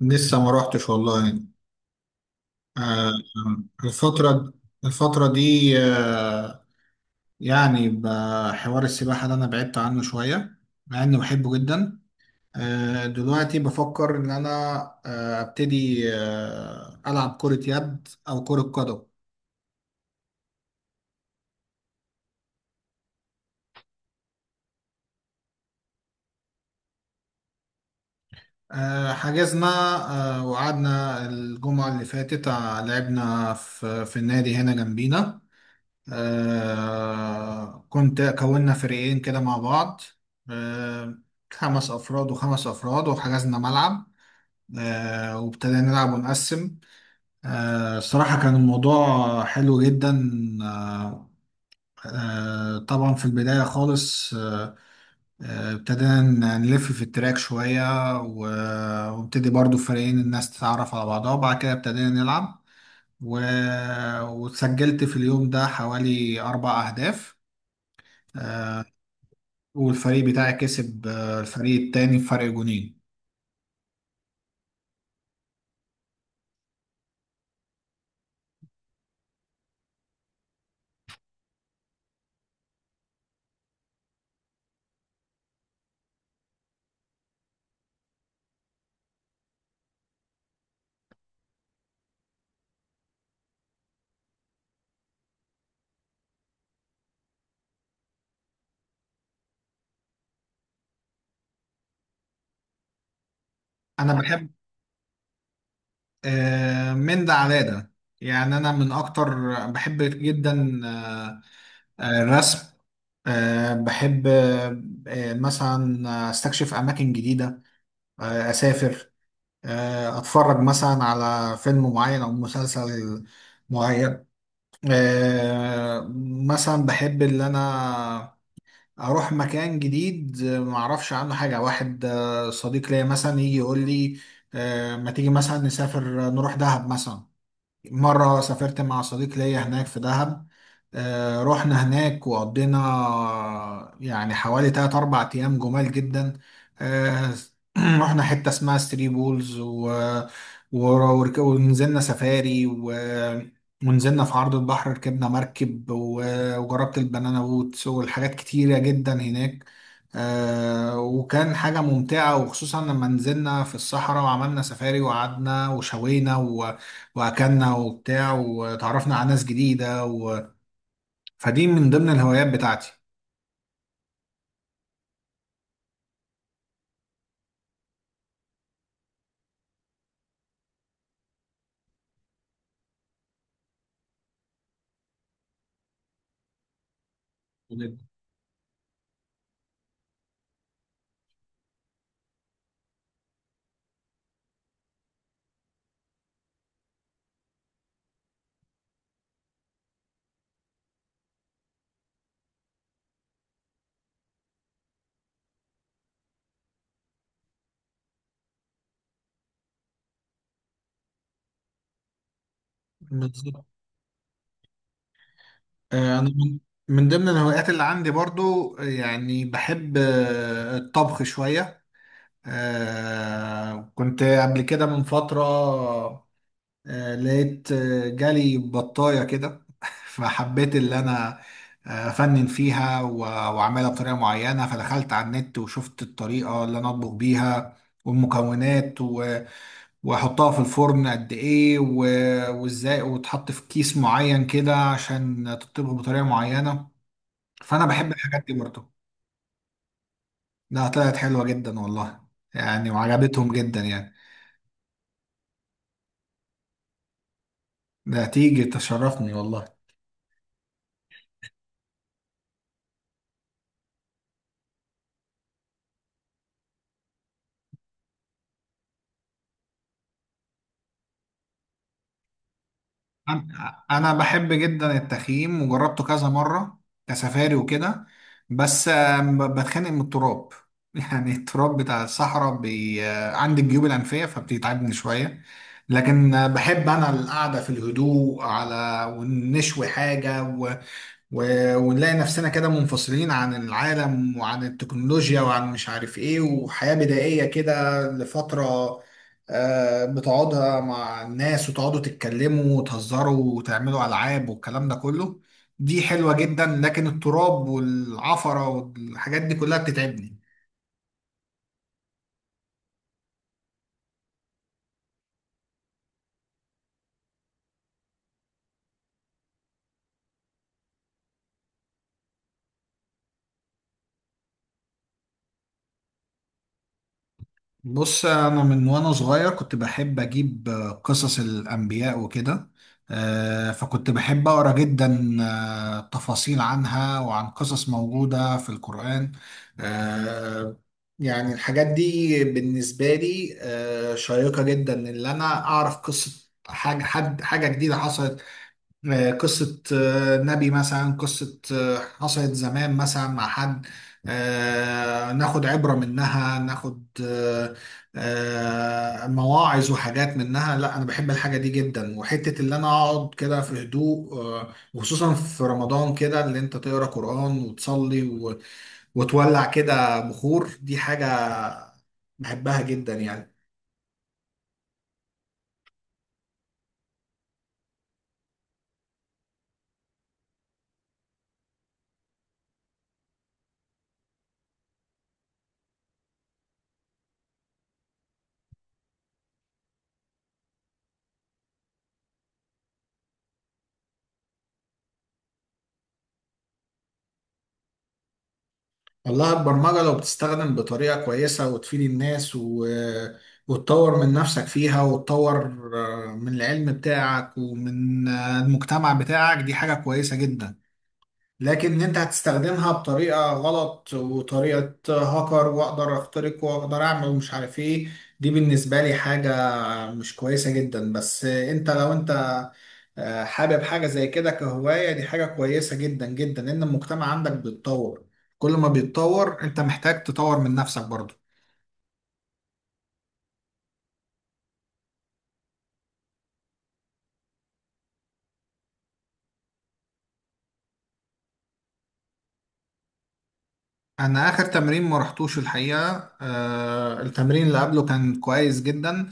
لسه ما روحتش والله. آه، الفترة الفترة دي، يعني بحوار السباحة ده أنا بعدت عنه شوية، مع إني بحبه جدا. دلوقتي بفكر إن أنا أبتدي ألعب كرة يد أو كرة قدم. حجزنا، وقعدنا الجمعة اللي فاتت. لعبنا في النادي هنا جنبينا. كونا فريقين كده مع بعض. آه 5 أفراد و5 أفراد وحجزنا ملعب. وابتدينا نلعب ونقسم. الصراحة كان الموضوع حلو جدا. آه طبعا في البداية خالص، ابتدينا نلف في التراك شوية، وابتدي برضو فريقين الناس تتعرف على بعضها، وبعد كده ابتدينا نلعب. و... وسجلت في اليوم ده حوالي 4 أهداف. آه، والفريق بتاعي كسب الفريق التاني بفرق جونين. انا بحب من ده على ده، يعني انا من اكتر بحب جدا الرسم. بحب مثلا استكشف اماكن جديده، اسافر، اتفرج مثلا على فيلم معين او مسلسل معين. آه، مثلا بحب اللي انا اروح مكان جديد ما اعرفش عنه حاجه، واحد صديق ليا مثلا يجي يقول لي ما تيجي مثلا نسافر، نروح دهب مثلا. مرة سافرت مع صديق ليا هناك في دهب، رحنا هناك وقضينا يعني حوالي 3 4 أيام جمال جدا. آه، رحنا حتة اسمها ثري بولز، ونزلنا سفاري، ونزلنا في عرض البحر، ركبنا مركب، وجربت البنانا بوتس والحاجات كتيرة جدا هناك. وكان حاجة ممتعة، وخصوصا لما نزلنا في الصحراء وعملنا سفاري وقعدنا وشوينا واكلنا وبتاع وتعرفنا على ناس جديده. فدي من ضمن الهوايات بتاعتي. بالظبط. انا من ضمن الهوايات اللي عندي برضو، يعني بحب الطبخ شويه. كنت قبل كده من فتره لقيت جالي بطايه كده فحبيت اللي انا افنن فيها، واعملها بطريقه معينه. فدخلت على النت وشفت الطريقه اللي انا اطبخ بيها والمكونات، واحطها في الفرن قد ايه، وازاي، وتحط في كيس معين كده عشان تطيبها بطريقة معينة. فانا بحب الحاجات دي برضه. لا، طلعت حلوة جدا والله، يعني وعجبتهم جدا يعني. ده تيجي تشرفني والله. أنا بحب جدا التخييم وجربته كذا مره كسفاري وكده، بس بتخانق من التراب. يعني التراب بتاع الصحراء عندي الجيوب الانفيه فبتتعبني شويه. لكن بحب انا القعده في الهدوء على ونشوي حاجه، ونلاقي نفسنا كده منفصلين عن العالم وعن التكنولوجيا وعن مش عارف ايه، وحياة بدائية كده لفترة. بتقعدها مع الناس وتقعدوا تتكلموا وتهزروا وتعملوا ألعاب والكلام ده كله. دي حلوة جدا، لكن التراب والعفرة والحاجات دي كلها بتتعبني. بص انا من وانا صغير كنت بحب اجيب قصص الانبياء وكده. فكنت بحب اقرا جدا تفاصيل عنها وعن قصص موجوده في القران. آه، يعني الحاجات دي بالنسبه لي شيقه جدا، ان انا اعرف قصه حاجه، حد حاجه جديده حصلت، قصة نبي مثلا، قصة حصلت زمان مثلا مع حد ناخد عبرة منها، ناخد مواعظ وحاجات منها. لا أنا بحب الحاجة دي جدا، وحتة اللي أنا أقعد كده في هدوء وخصوصا في رمضان كده اللي أنت تقرأ قرآن وتصلي، وتولع كده بخور. دي حاجة بحبها جدا يعني. والله البرمجة لو بتستخدم بطريقة كويسة وتفيد الناس، وتطور من نفسك فيها، وتطور من العلم بتاعك ومن المجتمع بتاعك، دي حاجة كويسة جدا. لكن انت هتستخدمها بطريقة غلط وطريقة هاكر، واقدر اخترق واقدر اعمل ومش عارف ايه، دي بالنسبة لي حاجة مش كويسة جدا. بس انت لو انت حابب حاجة زي كده كهواية، دي حاجة كويسة جدا جدا، لان المجتمع عندك بيتطور. كل ما بيتطور انت محتاج تطور من نفسك برضه. انا اخر تمرين ما رحتوش الحقيقه. التمرين اللي قبله كان كويس جدا،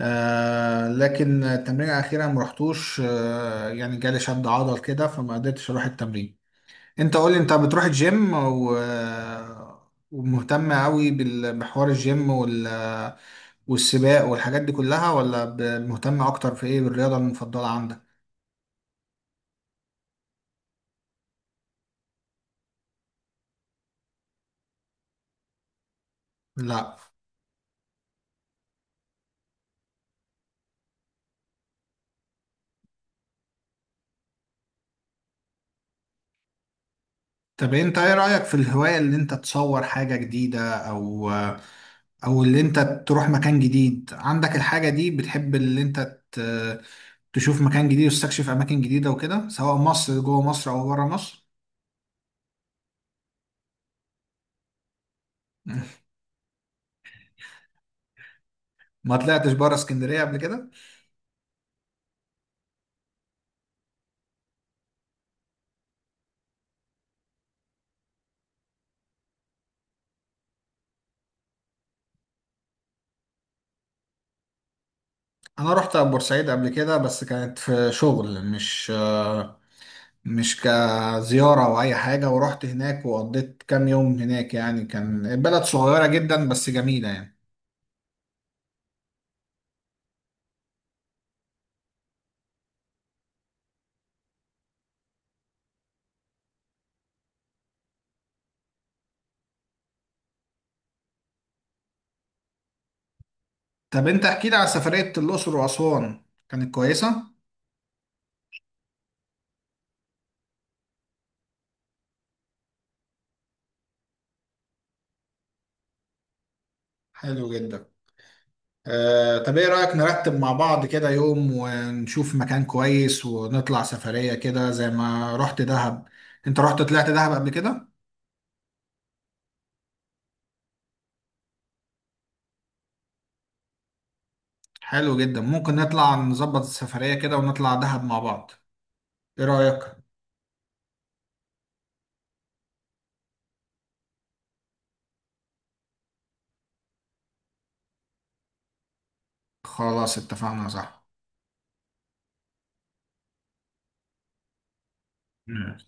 لكن التمرين الاخيره ما رحتوش. يعني جالي شد عضل كده فما قدرتش اروح التمرين. انت قولي، انت بتروح الجيم ومهتم قوي بحوار الجيم والسباق والحاجات دي كلها، ولا مهتم اكتر في ايه، بالرياضه المفضله عندك؟ لا. طب انت ايه رايك في الهوايه اللي انت تصور حاجه جديده، او اللي انت تروح مكان جديد عندك الحاجة دي؟ بتحب اللي انت تشوف مكان جديد وتستكشف اماكن جديدة وكده، سواء مصر جوه مصر او بره مصر؟ ما طلعتش بره اسكندرية قبل كده. انا رحت بورسعيد قبل كده بس كانت في شغل، مش كزيارة او اي حاجة. ورحت هناك وقضيت كام يوم هناك، يعني كان البلد صغيرة جدا بس جميلة يعني. طب انت احكي لي على سفرية الاقصر واسوان، كانت كويسة؟ حلو جدا. طب ايه رأيك نرتب مع بعض كده يوم ونشوف مكان كويس ونطلع سفرية كده، زي ما رحت دهب؟ انت رحت، طلعت دهب قبل كده؟ حلو جدا. ممكن نطلع نظبط السفرية كده ونطلع دهب مع بعض، ايه رأيك؟ خلاص اتفقنا، صح؟ مم.